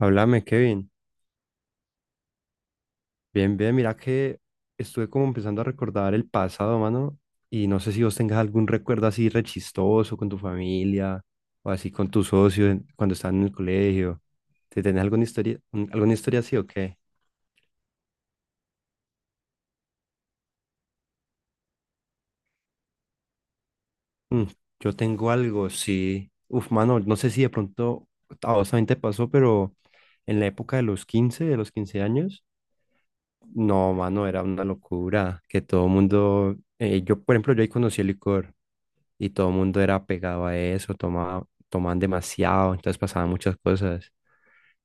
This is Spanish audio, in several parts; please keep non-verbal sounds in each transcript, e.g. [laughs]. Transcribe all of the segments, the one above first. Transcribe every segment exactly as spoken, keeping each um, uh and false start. Háblame, Kevin. Bien, bien, mira que estuve como empezando a recordar el pasado, mano, y no sé si vos tengas algún recuerdo así rechistoso con tu familia o así con tus socios en- cuando estaban en el colegio. ¿Te tenés alguna historia, un- alguna historia así o qué? Mm, yo tengo algo, sí. Uf, mano, no sé si de pronto a vos también te pasó, pero en la época de los quince de los quince años, no, mano, era una locura que todo el mundo, eh, yo, por ejemplo, yo ahí conocí el licor. Y todo el mundo era pegado a eso, tomaba, tomaban demasiado, entonces pasaban muchas cosas,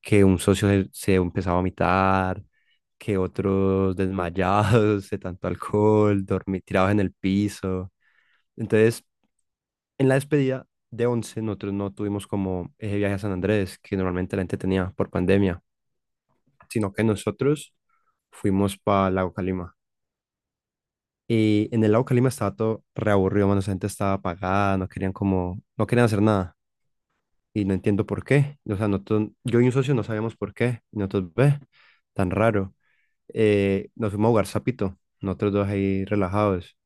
que un socio se, se empezaba a vomitar, que otros desmayados de tanto alcohol, dormir tirados en el piso. Entonces, en la despedida de once nosotros no tuvimos como ese viaje a San Andrés, que normalmente la gente tenía por pandemia, sino que nosotros fuimos para Lago Calima. Y en el Lago Calima estaba todo reaburrido, mano, la gente estaba apagada, no querían como, no querían hacer nada. Y no entiendo por qué. O sea, nosotros, yo y un socio no sabíamos por qué. Y nosotros, ve, tan raro. Eh, nos fuimos a jugar sapito, nosotros dos ahí relajados.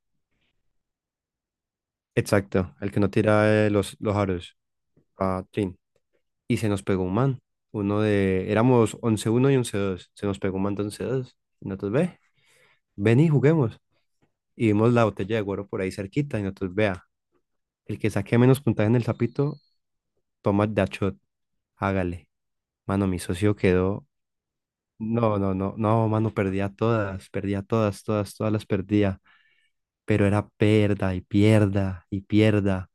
Exacto, el que no tira eh, los, los aros. Ah, trin. Y se nos pegó un man. Uno de, éramos once uno y once dos. Se nos pegó un man de once dos. Y nosotros, ve, ven y juguemos. Y vimos la botella de guaro por ahí cerquita. Y nosotros, vea, el que saque menos puntaje en el sapito, toma de a shot. Hágale. Mano, mi socio quedó. No, no, no, no, mano, perdía todas, perdía todas, todas, todas las perdía, pero era perda y pierda y pierda.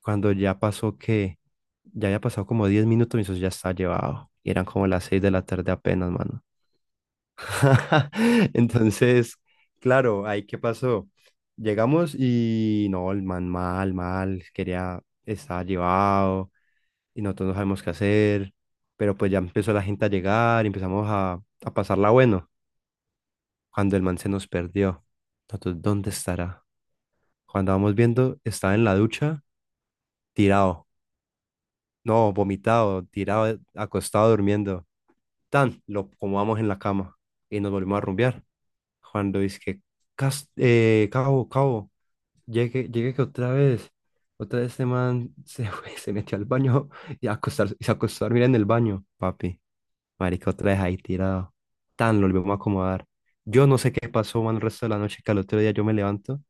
Cuando ya pasó que, ya había pasado como diez minutos, mi socio ya estaba llevado. Y eran como las seis de la tarde apenas, mano. [laughs] Entonces, claro, ahí qué pasó. Llegamos y no, el man mal, mal, quería, estaba llevado y nosotros no sabemos qué hacer, pero pues ya empezó la gente a llegar y empezamos a, a pasarla bueno. Cuando el man se nos perdió. Nosotros, ¿dónde estará? Cuando vamos viendo, estaba en la ducha, tirado. No, vomitado, tirado, eh, acostado, durmiendo. Tan, lo acomodamos en la cama y nos volvimos a rumbear. Cuando dice que, "Cas- eh, cabo, cabo, llegue, llegue que otra vez, otra vez este man [laughs] se, fue, se metió al baño y, a acostar, y se acostó a dormir en el baño, papi. Marica, otra vez ahí tirado. Tan, lo volvimos a acomodar. Yo no sé qué pasó, man, el resto de la noche, que al otro día yo me levanto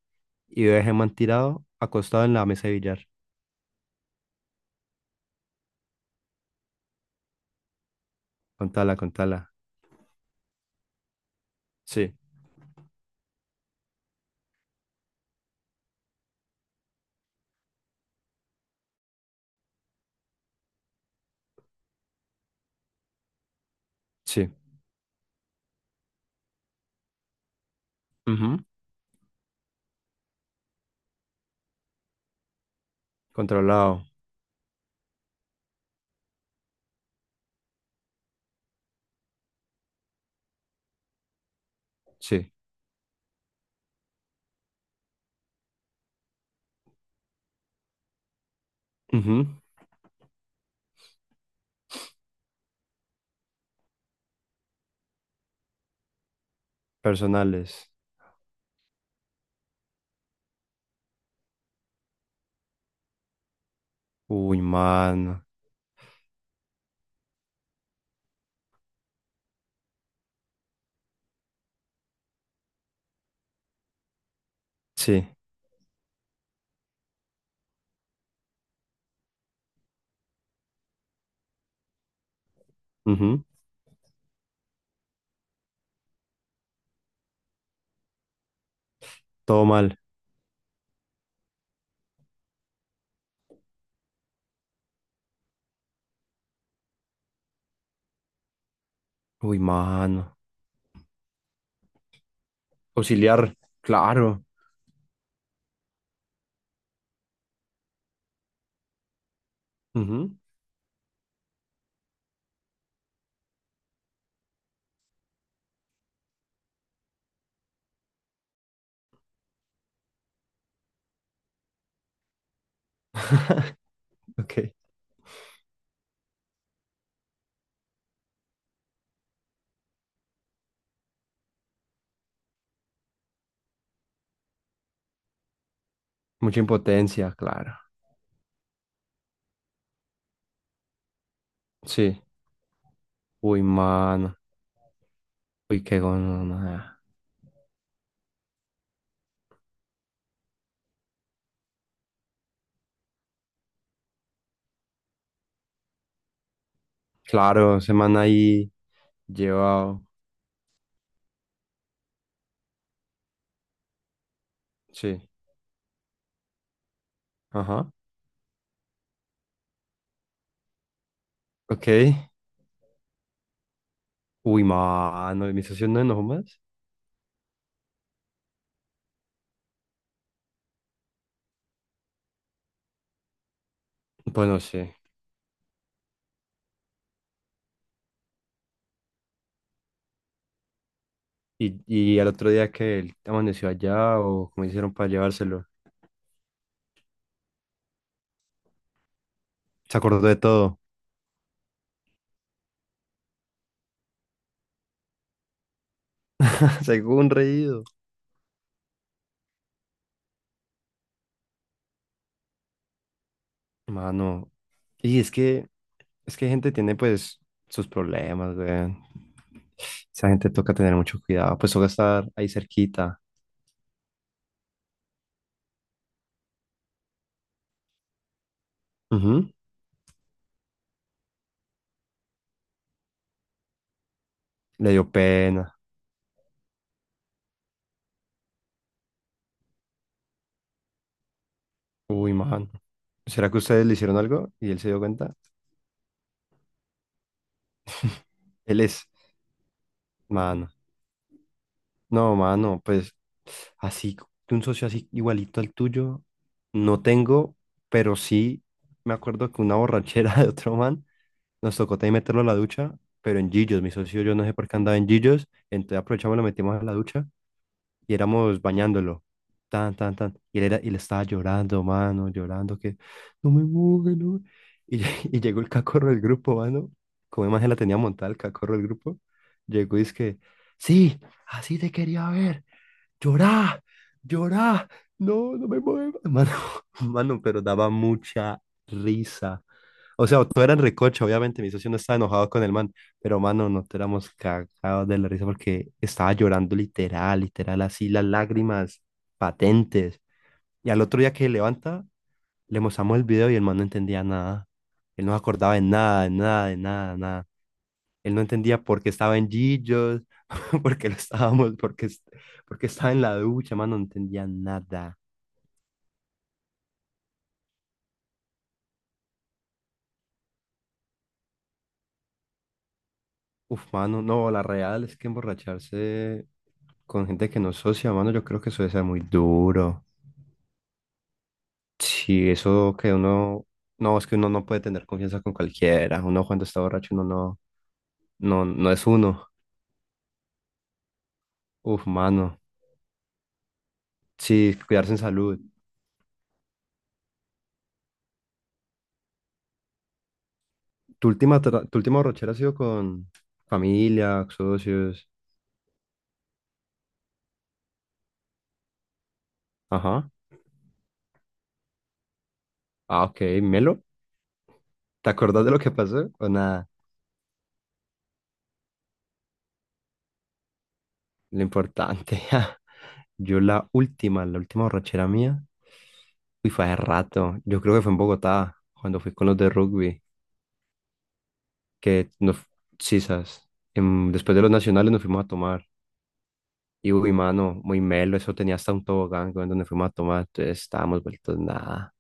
y lo dejé man tirado, acostado en la mesa de billar. Contala, contala. Sí, sí. Ujú. Controlado. Sí. Ujú. Personales. Uy, mano. Sí. Ujú. Todo mal. Uy, mano. Auxiliar. Claro. Ujú. Ok. Mucha impotencia, claro. Sí. Uy, mano. Uy, qué gonorrea. Claro, semana ahí llevado. Sí. Ajá. Ok. Uy, mano. ¿Y mi socio no enojó más? Pues no sé. Y, y al otro día que él amaneció allá o cómo hicieron para llevárselo. Se acordó de todo. [laughs] Según reído. Mano. Y es que, es que gente tiene pues sus problemas, weón. Esa gente toca tener mucho cuidado. Pues toca estar ahí cerquita. Ujú. Le dio pena. Uy, mano. ¿Será que ustedes le hicieron algo y él se dio cuenta? Él es, mano. No, mano, pues así, de un socio así igualito al tuyo, no tengo, pero sí me acuerdo que una borrachera [laughs] de otro man nos tocó también meterlo a la ducha, pero en Gillos, mi socio yo no sé por qué andaba en Gillos, entonces aprovechamos, lo metimos a la ducha y éramos bañándolo, tan, tan, tan, y él, era, y él estaba llorando, mano, llorando, que no me moje, no. Y, lle- [laughs] y llegó el cacorro del grupo, mano, como imagen la tenía montada el cacorro del grupo, llegó y es que, sí, así te quería ver llorá, llorá, no, no me muevas, mano, [laughs] mano, pero daba mucha risa. O sea, todo era en recocha, obviamente, mi socio no estaba enojado con el man, pero mano, nos éramos cagados de la risa porque estaba llorando literal, literal, así las lágrimas patentes. Y al otro día que se levanta, le mostramos el video y el man no entendía nada. Él no se acordaba de nada, de nada, de nada, de nada. Él no entendía por qué estaba en Gillos, [laughs] por qué lo estábamos, por qué, est- por qué estaba en la ducha, mano, no entendía nada. Uf, mano, no, la real es que emborracharse con gente que no es socia, mano, yo creo que eso debe ser muy duro. Sí, eso que uno, no, es que uno no puede tener confianza con cualquiera. Uno cuando está borracho, uno no, no, no es uno. Uf, mano, sí, cuidarse en salud. Tu última, tra- tu última borrachera ha sido con familia, socios. Ajá. Ah, ok, Melo. ¿Te acordás de lo que pasó? O nada, lo importante. [laughs] Yo la última, la última borrachera mía, uy, fue hace rato. Yo creo que fue en Bogotá, cuando fui con los de rugby, que nos, sí, sabes, em, después de los nacionales nos fuimos a tomar. Y uy, mano, muy melo, eso tenía hasta un tobogán con donde fuimos a tomar, entonces estábamos vueltos nada.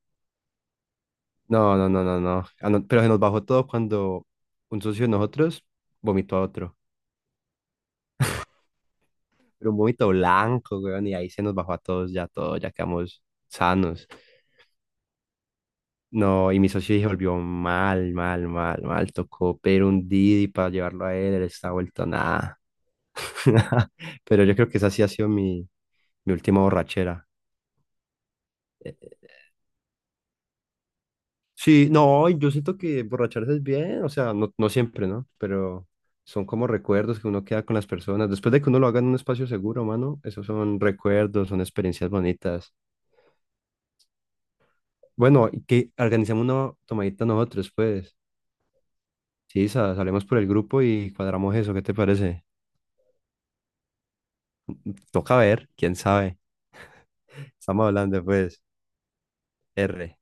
No, no, no, no, no. Ah, no, pero se nos bajó todo cuando un socio de nosotros vomitó a otro. Pero un vómito blanco, weón, y ahí se nos bajó a todos ya todo, ya quedamos sanos. No, y mi socio se volvió mal, mal, mal, mal. Tocó pero un Didi para llevarlo a él, él está vuelto nada. [laughs] Pero yo creo que esa sí ha sido mi, mi última borrachera. Eh, eh, Sí, no, y yo siento que borracharse es bien, o sea, no, no siempre, ¿no? Pero son como recuerdos que uno queda con las personas. Después de que uno lo haga en un espacio seguro, mano, esos son recuerdos, son experiencias bonitas. Bueno, y que organicemos una tomadita nosotros, pues. Sí, sa- salimos por el grupo y cuadramos eso, ¿qué te parece? Toca ver, quién sabe. Estamos hablando, pues, R.